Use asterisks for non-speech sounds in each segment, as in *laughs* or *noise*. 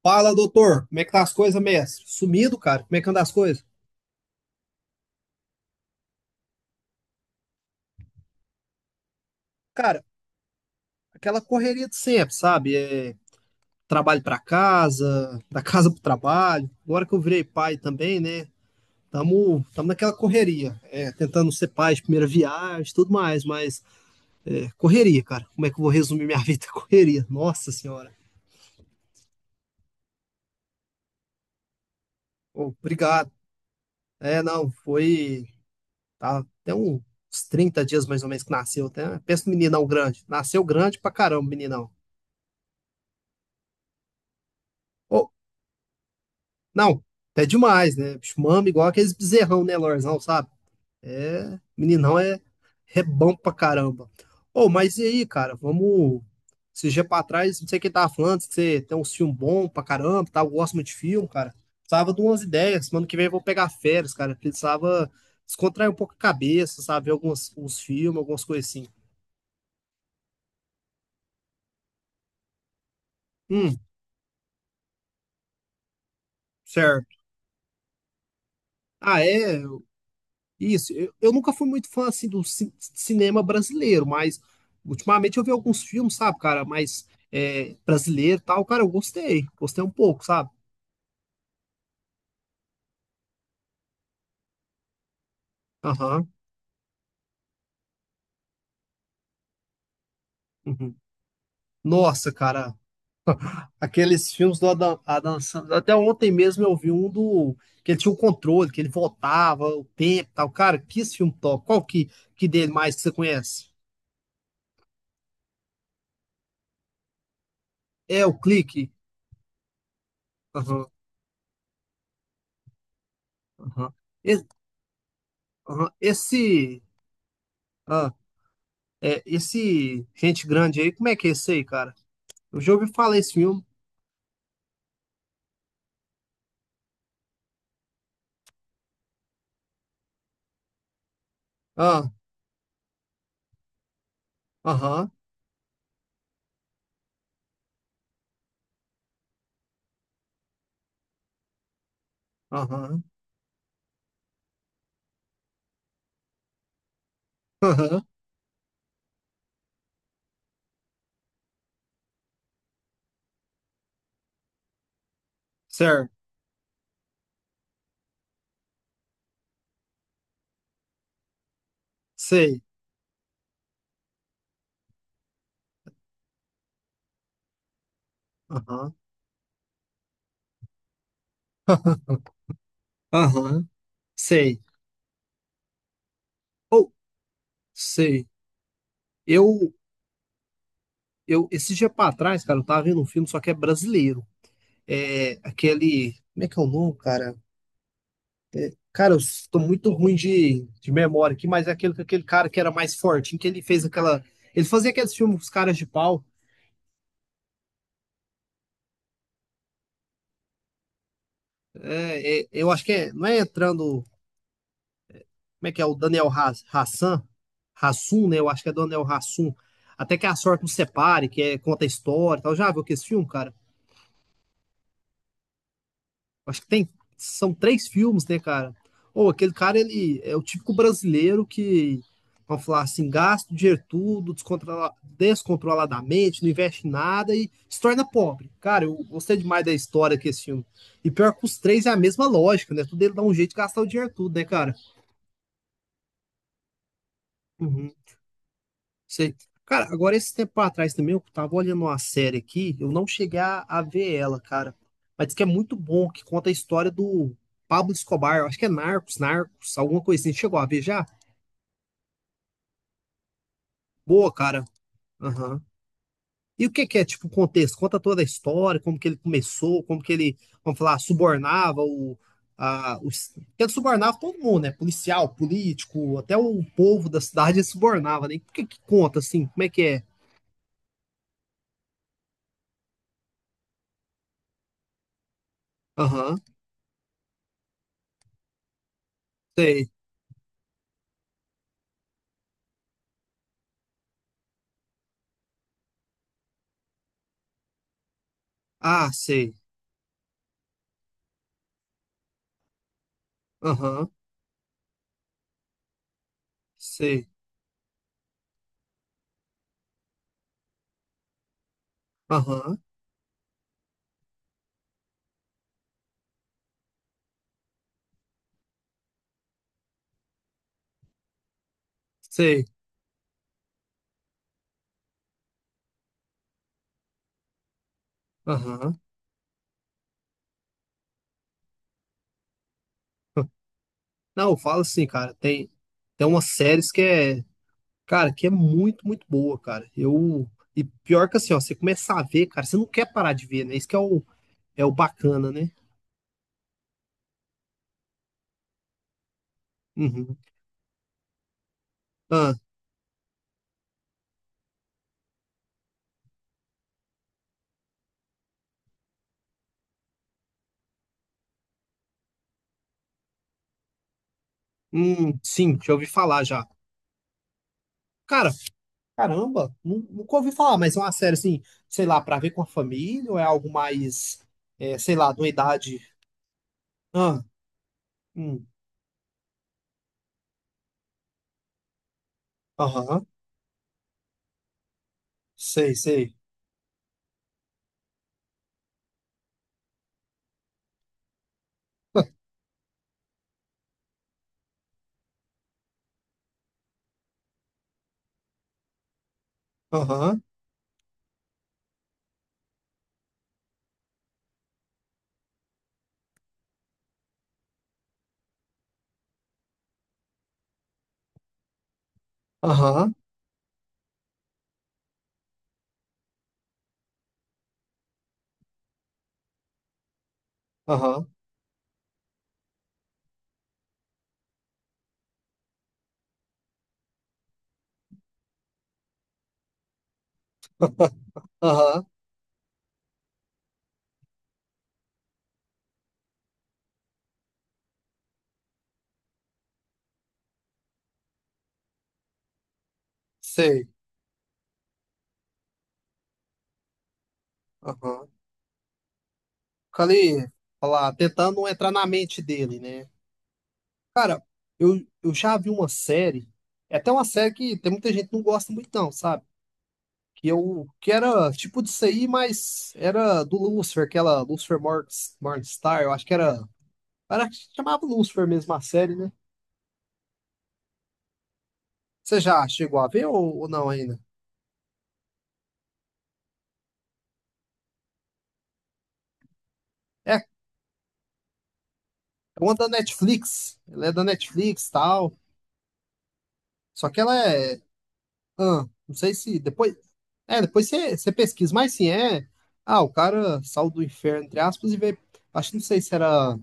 Fala, doutor, como é que tá as coisas, mestre? Sumido, cara, como é que anda as coisas? Cara, aquela correria de sempre, sabe? Trabalho pra casa, da *laughs* casa pro trabalho. Agora que eu virei pai também, né? Tamo naquela correria, tentando ser pai de primeira viagem, tudo mais, mas correria, cara. Como é que eu vou resumir minha vida? *laughs* Correria, nossa senhora. Ô, obrigado. É, não, foi tá, uns 30 dias mais ou menos que nasceu. Até, pensa no meninão grande. Nasceu grande pra caramba, meninão. Não, é demais, né? Bicho, mama igual aqueles bezerrão, né, Lorzão, sabe? É, meninão é, é bom pra caramba. Ô, mas e aí, cara, vamos. Esses dias pra trás, não sei quem tava falando, que você tem um filme bom pra caramba, tá? Eu gosto muito de filme, cara. Precisava de umas ideias. Semana que vem eu vou pegar férias, cara. Precisava descontrair um pouco a cabeça, sabe? Ver alguns uns filmes, algumas coisas assim. Hum, certo. Ah, é? Isso, eu nunca fui muito fã assim do cinema brasileiro, mas ultimamente eu vi alguns filmes, sabe, cara, mas brasileiro e tal, cara, eu gostei, gostei um pouco, sabe? Aham. Uhum. Nossa, cara, aqueles filmes do Adam Sandler, até ontem mesmo eu vi um do que ele tinha o controle, que ele voltava o tempo, e tal, cara, que esse filme top. Qual que dele mais que você conhece? É o Clique. Aham, aham. Esse, aham, esse é, esse Gente Grande aí, como é que é esse aí, cara? Eu já ouvi falar esse filme. Ah, aham, aham, aham, certo, sei, aham, *laughs* aham, sei. Ou, sei. Eu, esse dia pra trás, cara, eu tava vendo um filme, só que é brasileiro. É aquele, como é que é o nome, cara? Cara, eu tô muito ruim de memória aqui, mas é aquele, aquele cara que era mais fortinho, que ele fez aquela, ele fazia aqueles filmes com os caras de pau. Eu acho que é, não é entrando como é que é? O Daniel Hassan, Hassum, né? Eu acho que é Daniel Hassum. Até que a sorte nos separe, que é, conta a história e tal. Já viu que esse filme, cara? Acho que tem, são três filmes, né, cara? Ou aquele cara, ele é o típico brasileiro que, vamos falar assim, gasta o dinheiro tudo, descontroladamente, não investe em nada e se torna pobre. Cara, eu gostei demais da história que esse filme. E pior que os três é a mesma lógica, né? Tudo ele dá um jeito de gastar o dinheiro tudo, né, cara? Uhum. Sei. Cara, agora esse tempo atrás também eu tava olhando uma série aqui, eu não cheguei a ver ela, cara. Mas diz que é muito bom, que conta a história do Pablo Escobar, eu acho que é Narcos, Narcos, alguma coisa assim. Chegou a ver já? Boa, cara. Aham. E o que que é, tipo, o contexto? Conta toda a história, como que ele começou, como que ele, vamos falar, subornava o... A, os, ele subornava todo mundo, né? Policial, político, até o povo da cidade ele subornava, né? E o que que conta, assim? Como é que é? Aham, sei. Ah, sei. Aham, sei. Aham, sei. Aham. Não, eu falo assim, cara, tem, tem umas séries que é, cara, que é muito, muito boa, cara. Eu, e pior que assim, ó, você começa a ver, cara, você não quer parar de ver, né? Isso que é o, é o bacana, né? Uhum. Ah, sim, já ouvi falar já. Cara, caramba, nunca ouvi falar, mas é uma série assim, sei lá, pra ver com a família ou é algo mais, sei lá, de uma idade. Ah, hum, aham, sei, sei. Aham, aham, aham. Aham, sei. Aham. Fica ali, falar, tentando entrar na mente dele, né? Cara, eu já vi uma série, é até uma série que tem muita gente que não gosta muito não, sabe? Que era tipo disso aí, mas era do Lucifer, aquela Morningstar, eu acho que era, era que chamava Lucifer mesmo a série, né? Você já chegou a ver ou não ainda? É, é uma da Netflix, ela é da Netflix e tal, só que ela é, ah, não sei se depois é, depois você pesquisa, mas sim, é. Ah, o cara saiu do inferno, entre aspas, e veio. Acho que não sei se era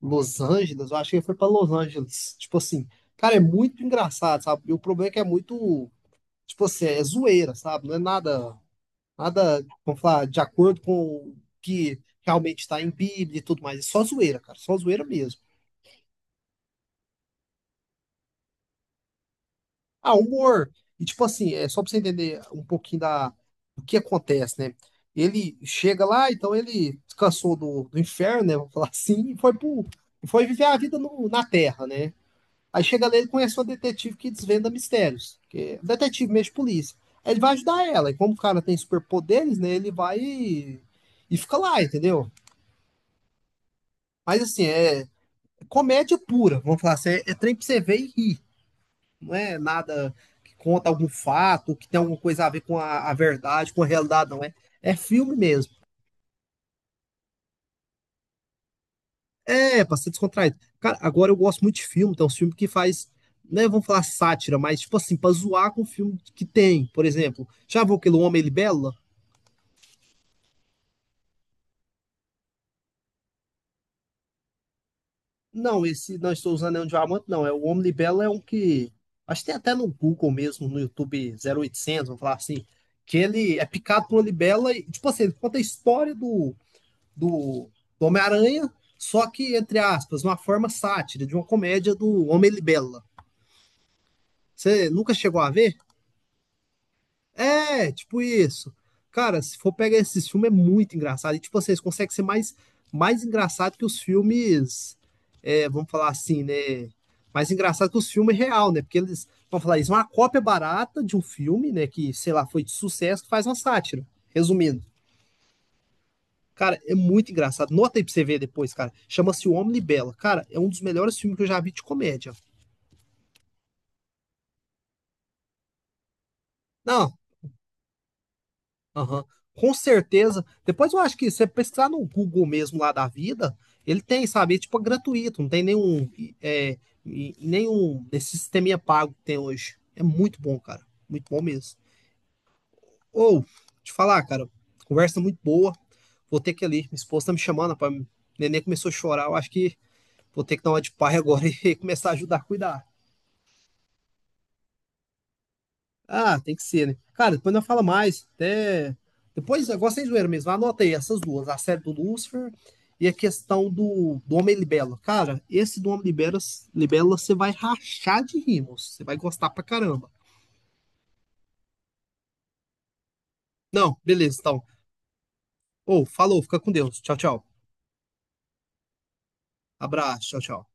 Los Angeles, eu acho que ele foi pra Los Angeles. Tipo assim, cara, é muito engraçado, sabe? E o problema é que é muito. Tipo assim, é zoeira, sabe? Não é nada, nada, vamos falar, de acordo com o que realmente está em Bíblia e tudo mais. É só zoeira, cara, só zoeira mesmo. Ah, humor. E tipo assim, é só pra você entender um pouquinho da, do que acontece, né? Ele chega lá, então ele descansou do inferno, né? Vamos falar assim, e foi pro, e foi viver a vida na Terra, né? Aí chega lá, ele conhece uma detetive que desvenda mistérios, que é um detetive mesmo de polícia. Aí ele vai ajudar ela, e como o cara tem superpoderes, né? Ele vai e fica lá, entendeu? Mas assim, é comédia pura, vamos falar assim, é trem pra você ver e rir. Não é nada que conta algum fato, que tem alguma coisa a ver com a verdade, com a realidade, não é. É filme mesmo. É, pra ser descontraído. Cara, agora eu gosto muito de filme, tem uns filmes que faz, né, vamos falar sátira, mas tipo assim, pra zoar com o filme que tem, por exemplo. Já viu aquele Homem Libela? Não, esse Não Estou Usando Anel de Diamante, não. É, o Homem Libela é um que. Acho que tem até no Google mesmo, no YouTube 0800 vamos falar assim. Que ele é picado por uma libela e, tipo assim, ele conta a história do, do, do Homem-Aranha, só que, entre aspas, uma forma sátira de uma comédia do Homem-Libela. Você nunca chegou a ver? É, tipo isso. Cara, se for pegar esses filmes, é muito engraçado. E, tipo, vocês conseguem ser mais, mais engraçado que os filmes, é, vamos falar assim, né? Mais engraçado que os filmes real, né? Porque eles, vamos falar isso, é uma cópia barata de um filme, né? Que, sei lá, foi de sucesso, que faz uma sátira. Resumindo. Cara, é muito engraçado. Nota aí pra você ver depois, cara. Chama-se O Homem Bela. Cara, é um dos melhores filmes que eu já vi de comédia. Não, aham. Com certeza. Depois eu acho que se você pesquisar no Google mesmo lá da vida, ele tem, sabe? É tipo é gratuito, não tem nenhum, é, e- é, e nenhum desse sisteminha pago que tem hoje. É muito bom, cara. Muito bom mesmo. Ou, te falar, cara, conversa muito boa. Vou ter que ir ali. Minha esposa tá me chamando, rapaz. O neném começou a chorar. Eu acho que vou ter que dar uma de pai agora *laughs* e começar a ajudar a cuidar. Ah, tem que ser, né? Cara, depois não fala mais. Até... Depois, agora sem zoeira mesmo, anota aí essas duas, a série do Lucifer e a questão do, do Homem Libelo. Cara, esse do Homem Libelo, Libelo você vai rachar de rimos. Você vai gostar pra caramba. Não, beleza, então. Ou, falou, fica com Deus. Tchau, tchau. Abraço, tchau, tchau.